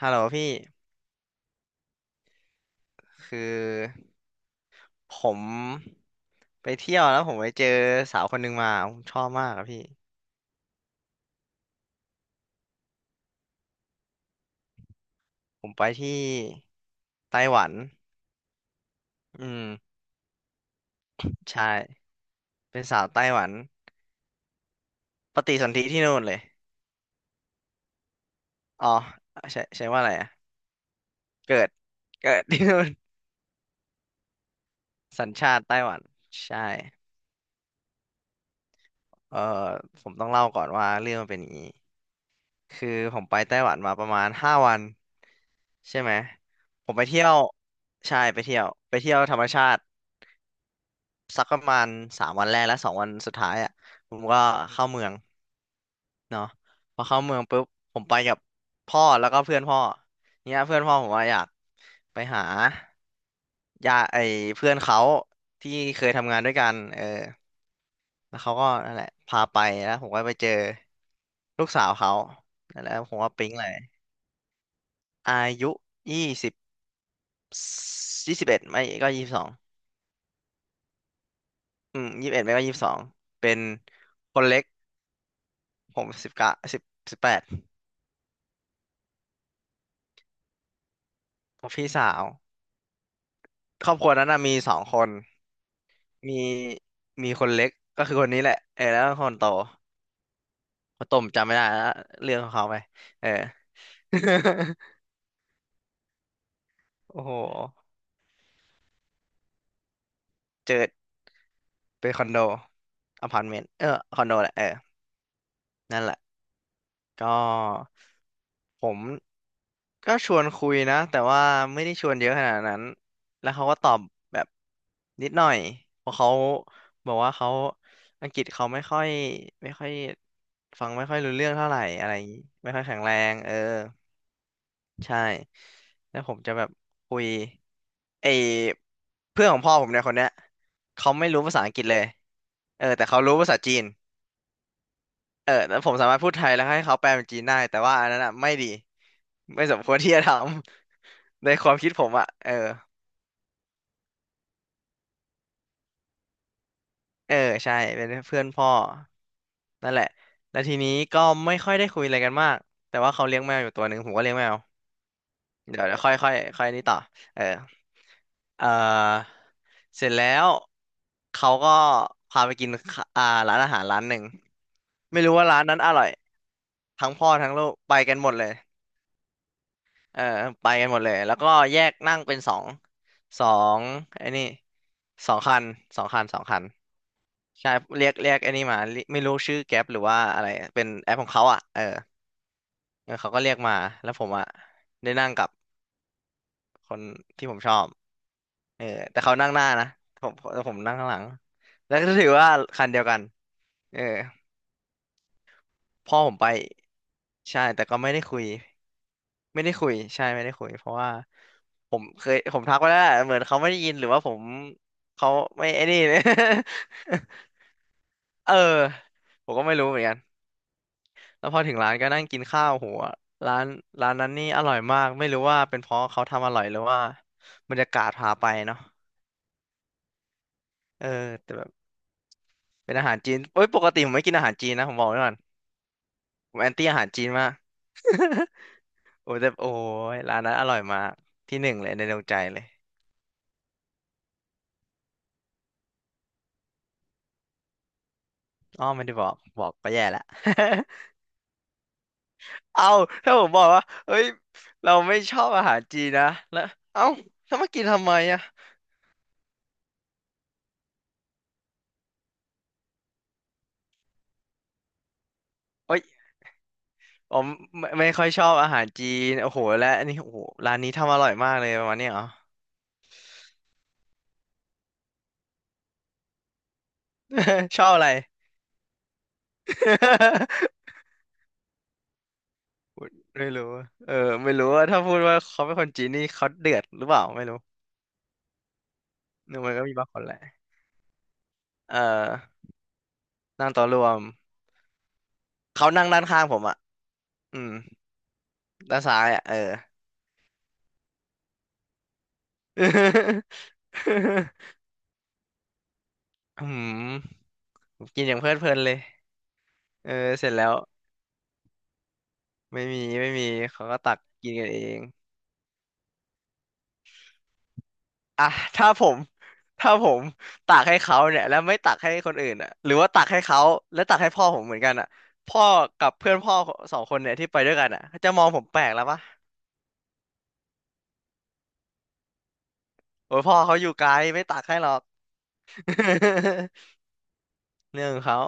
ฮัลโหลพี่คือผมไปเที่ยวแล้วผมไปเจอสาวคนหนึ่งมาผมชอบมากอะพี่ผมไปที่ไต้หวันอืมใช่เป็นสาวไต้หวันปฏิสนธิที่นู่นเลยอ๋อใช่ใช่ว่าอะไรอะเกิดเกิดที่นู่น สัญชาติไต้หวันใช่เออผมต้องเล่าก่อนว่าเรื่องมันเป็นอย่างนี้ คือผมไปไต้หวันมาประมาณ5 วันใช่ไหมผมไปเที่ยวใช่ไปเที่ยวไปเที่ยวธรรมชาติสักประมาณ3 วันแรกและ2 วันสุดท้ายอ่ะผมก็เข้าเมืองเนาะพอเข้าเมืองปุ๊บผมไปกับพ่อแล้วก็เพื่อนพ่อเนี่ยเพื่อนพ่อผมว่าอยากไปหาญาไอเพื่อนเขาที่เคยทำงานด้วยกันเออแล้วเขาก็นั่นแหละพาไปแล้วผมก็ไปเจอลูกสาวเขานั่นแหละผมว่าปิ๊งเลย อายุ2021ไม่ก็ยี่สิบสองอืมยี่สิบเอ็ดไม่ก็ยี่สิบสองเป็นคนเล็ก ผม191018ผมพี่สาวครอบครัวนั้นน่ะมีสองคนมีมีคนเล็กก็คือคนนี้แหละเออแล้วก็คนโตคนโตผมจำไม่ได้แล้วเรื่องของเขาไปเออ โอ้โห เจอเป็นคอนโดอพาร์ตเมนต์ เออ คอนโดแหละ เออนั่นแหละ ก็ผมก็ชวนคุยนะแต่ว่าไม่ได้ชวนเยอะขนาดนั้นแล้วเขาก็ตอบแบบนิดหน่อยเพราะเขาบอกว่าเขาอังกฤษเขาไม่ค่อยฟังไม่ค่อยรู้เรื่องเท่าไหร่อะไรอย่างงี้ไม่ค่อยแข็งแรงเออใช่แล้วผมจะแบบคุยไอเพื่อนของพ่อผมเนี่ยคนเนี้ยเขาไม่รู้ภาษาอังกฤษเลยเออแต่เขารู้ภาษาจีน เออแล้วผมสามารถพูดไทยแล้วให้เขาแปลเป็นจีนได้แต่ว่าอันนั้นอ่ะไม่ดีไม่สมควรที่จะทำ ในความคิดผมอ่ะเออเออใช่เป็นเพื่อนพ่อนั่นแหละแล้วทีนี้ก็ไม่ค่อยได้คุยอะไรกันมากแต่ว่าเขาเลี้ยงแมวอยู่ตัวหนึ่งผมก็เลี้ยงแมวเดี๋ยวค่อยค่อยค่อยนี่ต่อเออเออเสร็จแล้วเขาก็พาไปกินข้าอ่าร้านอาหารร้านหนึ่งไม่รู้ว่าร้านนั้นอร่อยทั้งพ่อทั้งลูกไปกันหมดเลย เออไปกันหมดเลยแล้วก็แยกนั่งเป็นสองไอ้นี่สองคันสองคันสองคันใช่เรียกไอ้นี่มาเรียไม่รู้ชื่อแก๊ปหรือว่าอะไรเป็นแอปของเขาอ่ะเออเออเขาก็เรียกมาแล้วผมอ่ะได้นั่งกับคนที่ผมชอบเออแต่เขานั่งหน้านะแต่ผมนั่งข้างหลังแล้วก็ถือว่าคันเดียวกันเออพ่อผมไปใช่แต่ก็ไม่ได้คุย ไม่ได้คุยใช่ไม่ได้คุยเพราะว่าผมเคยผมทักไปแล้วแหละเหมือนเขาไม่ได้ยินหรือว่าผมเขาไม่ไอ้นี่ เออผมก็ไม่รู้เหมือนกันแล้วพอถึงร้านก็นั่งกินข้าวโหัวร้านร้านนั้นนี่อร่อยมากไม่รู้ว่าเป็นเพราะเขาทำอร่อยหรือว่าบรรยากาศพาไปเนาะเออแต่แบบเป็นอาหารจีนเอ้ยปกติผมไม่กินอาหารจีนนะผมบอกไว้ก่อนผมแอนตี้อาหารจีนมาก โอ้แต่โอ้ยร้านนั้นอร่อยมากที่หนึ่งเลยในดวงใจเลยอ้อไม่ได้บอกบอกก็แย่ละ เอาถ้าผมบอกว่าเฮ้ยเราไม่ชอบอาหารจีนนะแล้วเอ้าแล้วมากินทำไมอ่ะเอ้ยผมไม่ค่อยชอบอาหารจีนโอ้โหและอันนี้โอ้โหร้านนี้ทำอร่อยมากเลยประมาณเนี้ยเหรอ ชอบอะไร ไม่รู้อะเออไม่รู้ว่าถ้าพูดว่าเขาเป็นคนจีนนี่เขาเดือดหรือเปล่าไม่รู้นึกมันก็มีบางคนแหละเออนั่งโต๊ะรวมเขานั่งด้านข้างผมอ่ะอืมด้านซ้ายอ่ะเออ อืมผมกินอย่างเพลิดเพลินเลย เออเสร็จแล้วไม่มีไม่มีเขาก็ตักกินกันเองอ่ะ ถ้าผมถ้าผมตักให้เขาเนี่ยแล้วไม่ตักให้คนอื่นอ่ะหรือว่าตักให้เขาแล้วตักให้พ่อผมเหมือนกันอ่ะพ่อกับเพื่อนพ่อสองคนเนี่ยที่ไปด้วยกันอ่ะจะมองผมแปลกแล้วปะโอ้ยพ่อเขาอยู่ไกลไม่ตักให้หรอก เรื่องของเขา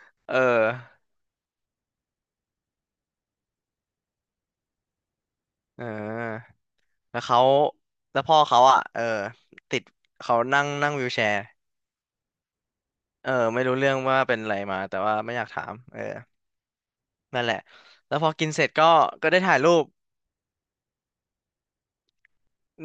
เออเออแล้วเขาแล้วพ่อเขาอ่ะเออติดเขานั่งนั่งวีลแชร์เออไม่รู้เรื่องว่าเป็นอะไรมาแต่ว่าไม่อยากถามเออ นั่นแหละแล้วพอกินเสร็จก็ได้ถ่ายรูป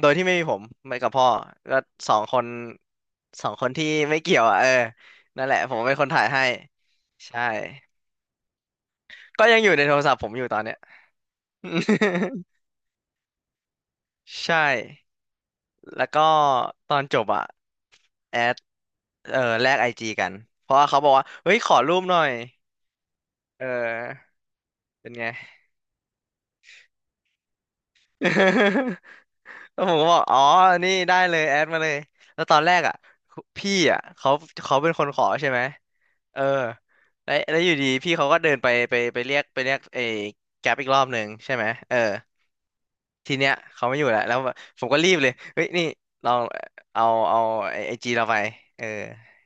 โดยที่ไม่มีผมไปกับพ่อก็สองคนสองคนที่ไม่เกี่ยวอ่ะเออนั่นแหละผมเป็นคนถ่ายให้ ใช่ก็ยังอยู่ในโทรศัพท์ผมอยู่ตอนเนี้ย ใช่แล้วก็ตอนจบอ่ะแอดเออแลกไอจีกัน เพราะว่าเขาบอกว่า เฮ้ยขอรูปหน่อยเออเป็นไง แล้วผมก็บอกอ๋อนี่ได้เลยแอดมาเลยแล้วตอนแรกอ่ะพี่อ่ะเขาเขาเป็นคนขอใช่ไหมเออแล้วอยู่ดีพี่เขาก็เดินไปเรียกไอ้แก๊ปอีกรอบหนึ่งใช่ไหมเออทีเนี้ยเขาไม่อยู่แล้วผมก็รีบเลยเฮ้ยนี่ลองเอาเอาไอจีเราไปเออ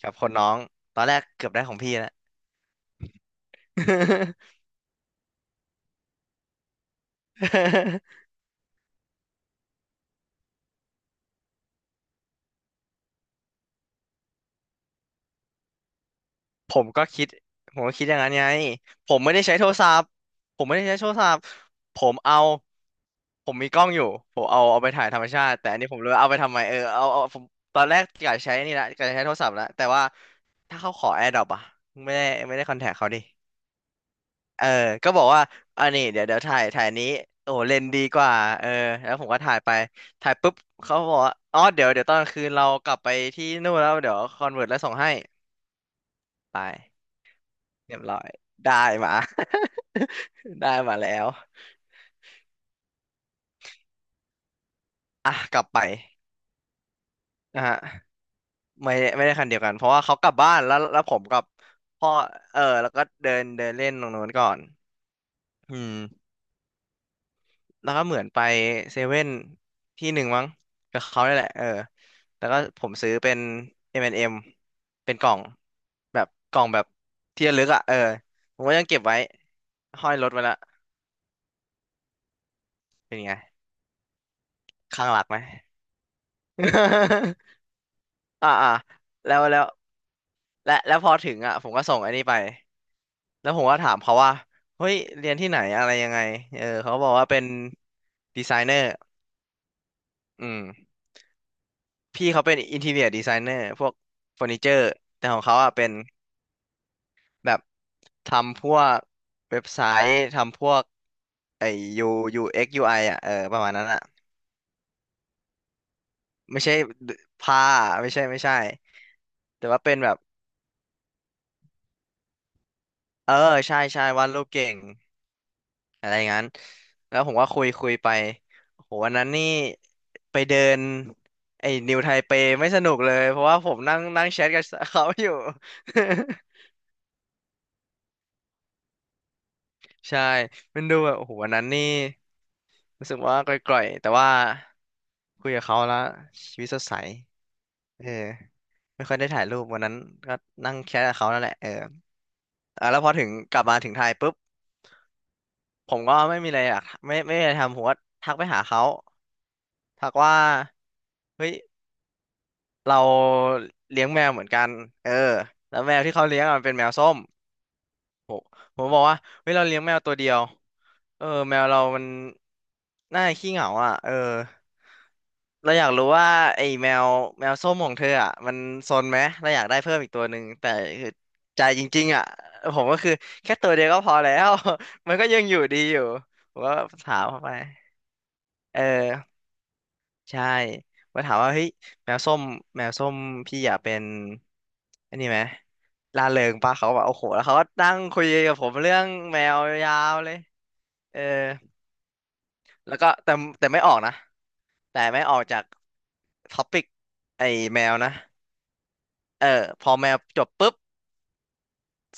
กับคนน้องตอนแรกเกือบได้ของพี่แล้ว ผมก็คิดผมก็คิดอย่างนั้นไงผมไม่ได้ใช้โทรศัพท์ผมไม่ได้ใช้โทรศัพท์ผมเอาผมมีกล้องอยู่ผมเอาไปถ่ายธรรมชาติแต่อันนี้ผมเลยเอาไปทำไมเออเอาผมตอนแรกอยากใช้นี่ละอยากใช้โทรศัพท์ละแต่ว่าถ้าเขาขอ AirDrop อ่ะไม่ได้คอนแทคเขาดิเออก็บอกว่าอันนี้เดี๋ยวถ่ายนี้โอ้โหเลนส์ดีกว่าเออแล้วผมก็ถ่ายไปถ่ายปุ๊บเขาบอกว่าอ๋อเดี๋ยวตอนกลางคืนเรากลับไปที่นู่นแล้วเดี๋ยวคอนเวิร์ตแล้วส่งให้ไป เรียบร้อยได้มา ได้มาแล้วอ่ะกลับไปนะฮะไม่ได้คันเดียวกันเพราะว่าเขากลับบ้านแล้วผมกับพ่อเออแล้วก็เดินเดินเล่นตรงโน้นก่อนอืมแล้วก็เหมือนไปเซเว่นที่หนึ่งมั้งกับเขาได้แหละเออแล้วก็ผมซื้อเป็น M&M เอ็มเป็นกล่องแบบกล่องแบบที่ระลึกอ่ะเออผมก็ยังเก็บไว้ห้อยรถไว้ละเป็นไงข้างหลักไหม อ่าอ่าแล้วแล้วและแล้วพอถึงอ่ะผมก็ส่งอันนี้ไปแล้วผมก็ถามเขาว่าเฮ้ยเรียนที่ไหนอะไรยังไงเออเขาบอกว่าเป็นดีไซเนอร์อืมพี่เขาเป็นอินทีเรียดีไซเนอร์พวกเฟอร์นิเจอร์แต่ของเขาอ่ะเป็นแบบทำพวกเว็บไซต์ทำพวกไอ้ยูยูเอ็กยูไออ่ะเออประมาณนั้นอ่ะไม่ใช่ผ้าไม่ใช่แต่ว่าเป็นแบบเออใช่วาดรูปเก่ง อะไรงั้นแล้วผมก็คุยไปโหวันนั้นนี่ไปเดินไอ้นิวไทเปไม่สนุกเลยเพราะว่าผมนั่งนั่งแชทกับเขาอยู่ ใช่มันดูแบบโอ้โหวันนั้นนี่รู้สึกว่ากร่อยๆแต่ว่าคุยกับเขาแล้วชีวิตสดใสเออไม่ค่อยได้ถ่ายรูปวันนั้นก็นั่งแชทกับเขานั่นแหละเอออ่ะแล้วพอถึงกลับมาถึงไทยปุ๊บผมก็ไม่มีอะไรอยากไม่มีอะไรทำผมก็ทักไปหาเขาทักว่าเฮ้ย เราเลี้ยงแมวเหมือนกันเออแล้วแมวที่เขาเลี้ยงอะมันเป็นแมวส้มโหผมบอกว่าเฮ้ยเราเลี้ยงแมวตัวเดียวเออแมวเรามันน่าขี้เหงาอ่ะเออเราอยากรู้ว่าไอ้แมวส้มของเธออ่ะมันซนไหม เราอยากได้เพิ่มอีกตัวหนึ่ง แต่คือใจจริงๆอ่ะผมก็คือแค่ตัวเดียวก็พอแล้ว มันก็ยังอยู่ดีอยู่ผมก็ถามเข้าไปเออ ใช่มาถามว่าเฮ้ยแมวส้มแมวส้มพี่อยากเป็นอันนี้ไหมร่าเริงปะเขาแบบโอ้โหแล้วเขาก็นั่งคุยกับผมเรื่องแมวยาวเลยเออแล้วก็แต่ไม่ออกนะแต่ไม่ออกจากท็อปิกไอ้แมวนะเออพอแมวจบปุ๊บ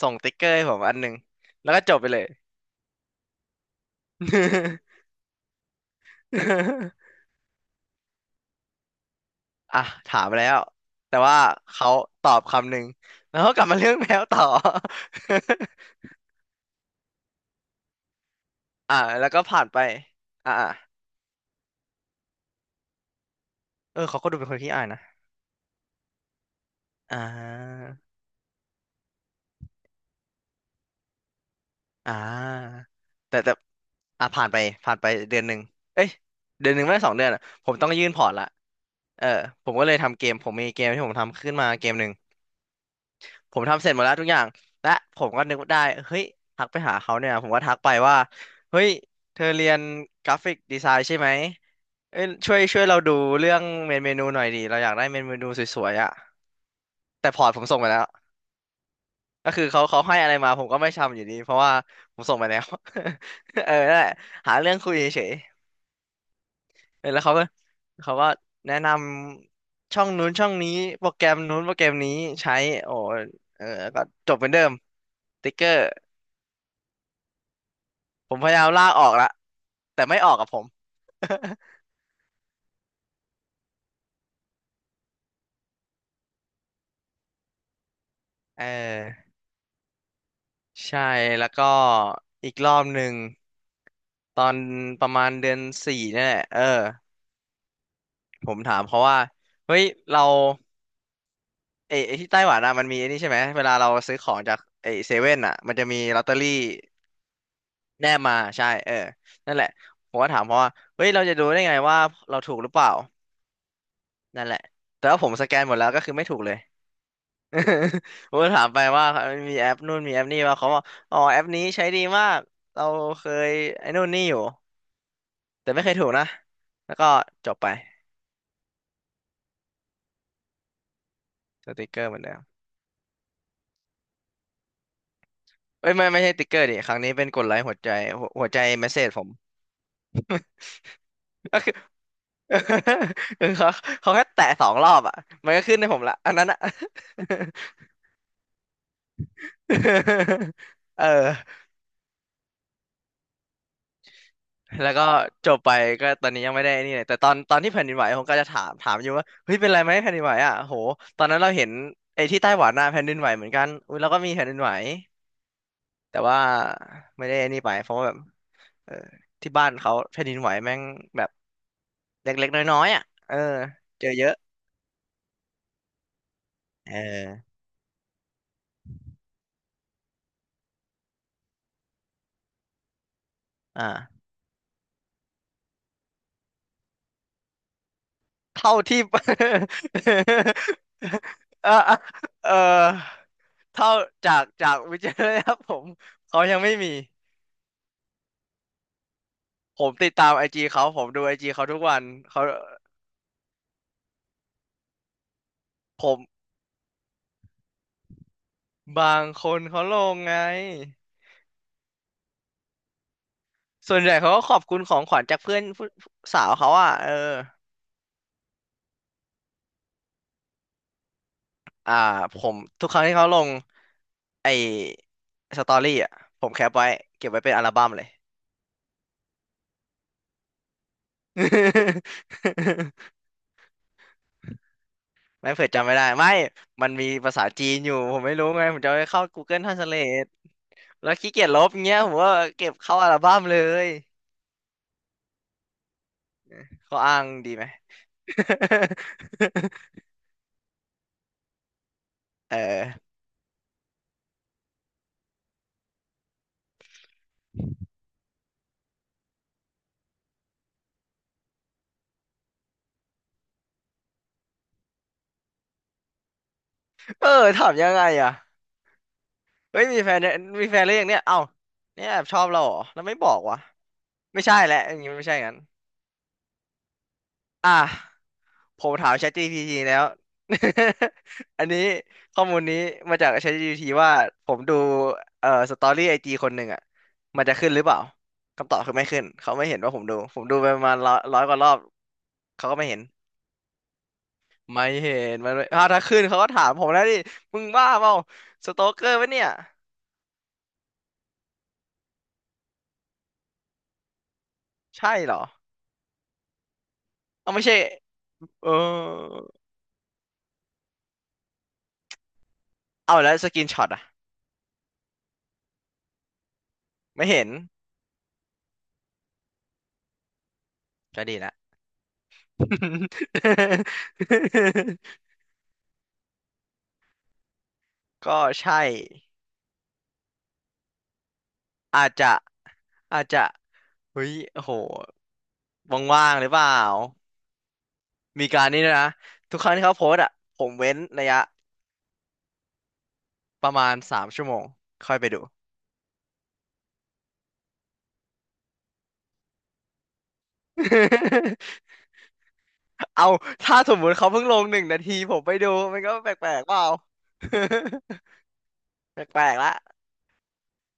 ส่งติ๊กเกอร์ให้ผมอันหนึ่งแล้วก็จบไปเลย อ่ะถามแล้วแต่ว่าเขาตอบคำหนึ่งแล้วก็กลับมาเรื่องแมวต่อ อ่าแล้วก็ผ่านไปอ่าเออเขาก็ดูเป็นคนขี้อายนะอ่าอ่าแต่อ่าผ่านไปผ่านไปเดือนหนึ่งเอ้ยเดือนหนึ่งไม่สองเดือนอ่ะผมต้องยื่นพอร์ตละเออผมก็เลยทำเกมผมมีเกมที่ผมทำขึ้นมาเกมหนึ่งผมทำเสร็จหมดแล้วทุกอย่างและผมก็นึกได้เฮ้ยทักไปหาเขาเนี่ยผมก็ทักไปว่าเฮ้ยเธอเรียนกราฟิกดีไซน์ใช่ไหมเอ้ยช่วยเราดูเรื่องเมนูหน่อยดิเราอยากได้เมนูสวยๆอ่ะแต่พอร์ตผมส่งไปแล้ว ก็คือเขาให้อะไรมาผมก็ไม่ทำอยู่ดีเพราะว่าผมส่งไปแล้ว เออนั่นแหละหาเรื่องคุยเฉยๆเออแล้วเขาก็เขาก็แนะนำช่องนู้นช่องนี้โปรแกรมนู้นโปรแกรมนี้ใช้โอ้เออก็จบเหมือนเดิมติ๊กเกอร์ผมพยายามลากออกละแต่ไม่ออกกับผม เออใช่แล้วก็อีกรอบหนึ่งตอนประมาณเดือนสี่เนี่ยแหละเออผมถามเขาว่าเฮ้ยเรา เอไอที่ไต้หวันอ่ะมันมีไอ้นี่ใช่ไหมเวลาเราซื้อของจากไอเซเว่นอ่ะมันจะมีลอตเตอรี่แนบมาใช่เออนั่นแหละผมก็ถามเพราะว่าเฮ้ยเราจะดูได้ไงว่าเราถูกหรือเปล่านั่นแหละแต่ว่าผมสแกนหมดแล้วก็คือไม่ถูกเลย ผมก็ถามไปว่ามีแอปนู่นมีแอปนี่ว่าเขาบอกอ๋อแอปนี้ใช้ดีมากเราเคยไอ้นู่นนี่อยู่แต่ไม่เคยถูกนะแล้วก็จบไปสติกเกอร์เหมือนเดิมเอ้ยไม่ใช่สติกเกอร์ดิครั้งนี้เป็นกดไลค์หัวใจหัวใจเมสเซจผม ก็คือ เขา เขาแค่แตะสองรอบอ่ะมันก็ขึ้นให้ผมละอันนั้นอ่ะ เออแล้วก็จบไปก็ตอนนี้ยังไม่ได้นี่เลยแต่ตอนที่แผ่นดินไหวผมก็จะถามอยู่ว่าเฮ้ยเป็นไรไหมแผ่นดินไหวอ่ะโหตอนนั้นเราเห็นไอ้ที่ไต้หวันน่ะแผ่นดินไหวเหมือนกันอุ้ยเราก็มีแผ่นดินไหวแต่ว่าไม่ได้นี่ไปเพราะว่าแบบเออที่บ้านเขาแผ่นดินไหวแม่งแบบเล็กๆน้อยๆอ่ะเออเจอเยอะเอออ่า เท่าที่ เออเออเท่าจากวิจัยนะครับผมเขายังไม่มีผมติดตามไอจีเขาผมดูไอจีเขาทุกวันเขาผมบางคนเขาลงไงส่วนใหญ่เขาก็ขอบคุณของขวัญจากเพื่อนผู้สาวเขาอ่ะเอออ่าผมทุกครั้งที่เขาลงไอสตอรี่อ่ะผมแคปไว้เก็บไว้เป็นอัลบั้มเลย ไม่เผื่อจำไม่ได้ไม่มันมีภาษาจีนอยู่ผมไม่รู้ไงผมจะไปเข้า Google Translate แล้วขี้เกียจลบเงี้ยผมว่าเก็บเข้าอัลบั้มเลยเขาอ้างดีไหม เออเออถามยังไงอ่ะเฮ้ยมีแฟนเนี่ยมีแฟนหรือยังเนี่ยเอ้าเนี่ยแอบชอบเราเหรอแล้วไม่บอกวะไม่ใช่แหละอย่างงี้มันไม่ใช่งั้นอ่ะ ผมถาม ChatGPT แล้ว อันนี้ข้อมูลนี้มาจาก ChatGPT ว่าผมดูสตอรี่ไอจีคนหนึ่งอ่ะมันจะขึ้นหรือเปล่าคำตอบคือไม่ขึ้นเขาไม่เห็นว่าผมดูผมดูไปประมาณร้อยกว่ารอบเขาก็ไม่เห็นไม่เห็นมันไม่อ้าวถ้าขึ้นเขาก็ถามผมแล้วดิมึงบ้าเปล่าสโตเกอร์ปะเนี่ยใช่เหรอเอาไม่ใช่เออเอาแล้วสกินช็อตอ่ะไม่เห็นก็ดีละ ก็ใช่อาจจะ อาจจะเฮ้ยโอ้โหว่างๆหรือเปล่า มีการนี้ด้วยนะทุกครั้งที่เขาโพสต์อ่ะผมเว้นระยะประมาณสามชั่วโมงค่อยไปดู เอาถ้าสมมติเขาเพิ่งลงหนึ่งนาทีผมไปดูมันก็แปลกๆเปล่า แปลกๆละ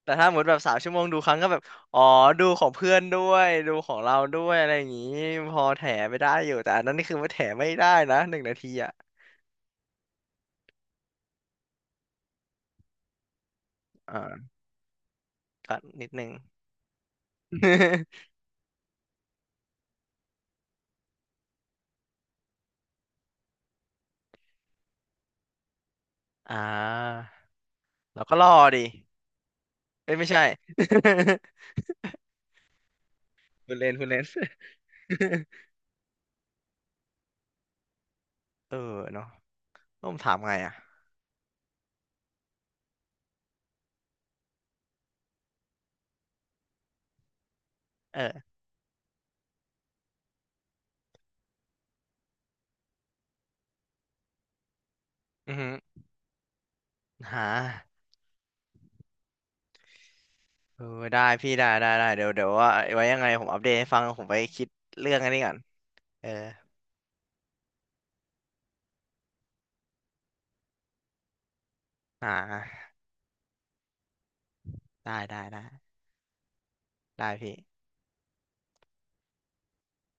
แต่ถ้าหมดแบบสามชั่วโมงดูครั้งก็แบบอ๋อดูของเพื่อนด้วยดูของเราด้วยอะไรอย่างงี้พอแถไปได้อยู่แต่อันนั้นนี่คือว่าแถไม่ได้นะหนึ่งนาทีอ่ะอ่าก็นิดนึง อ่า เราก็รอดิเอ้ยไม่ใช่ คุณเลนคุณเลน เออเนาะต้องถามไงอ่ะเอออือหือหาเออได้พี่ได้ได้ได้ เดี๋ยวเดี๋ยวว่าไว้ยังไงผมอัปเดตให้ฟัง ผมไปคิดเรื่องอันนี้ก่อนเอออ่าได้ได้ได้ ได้พี่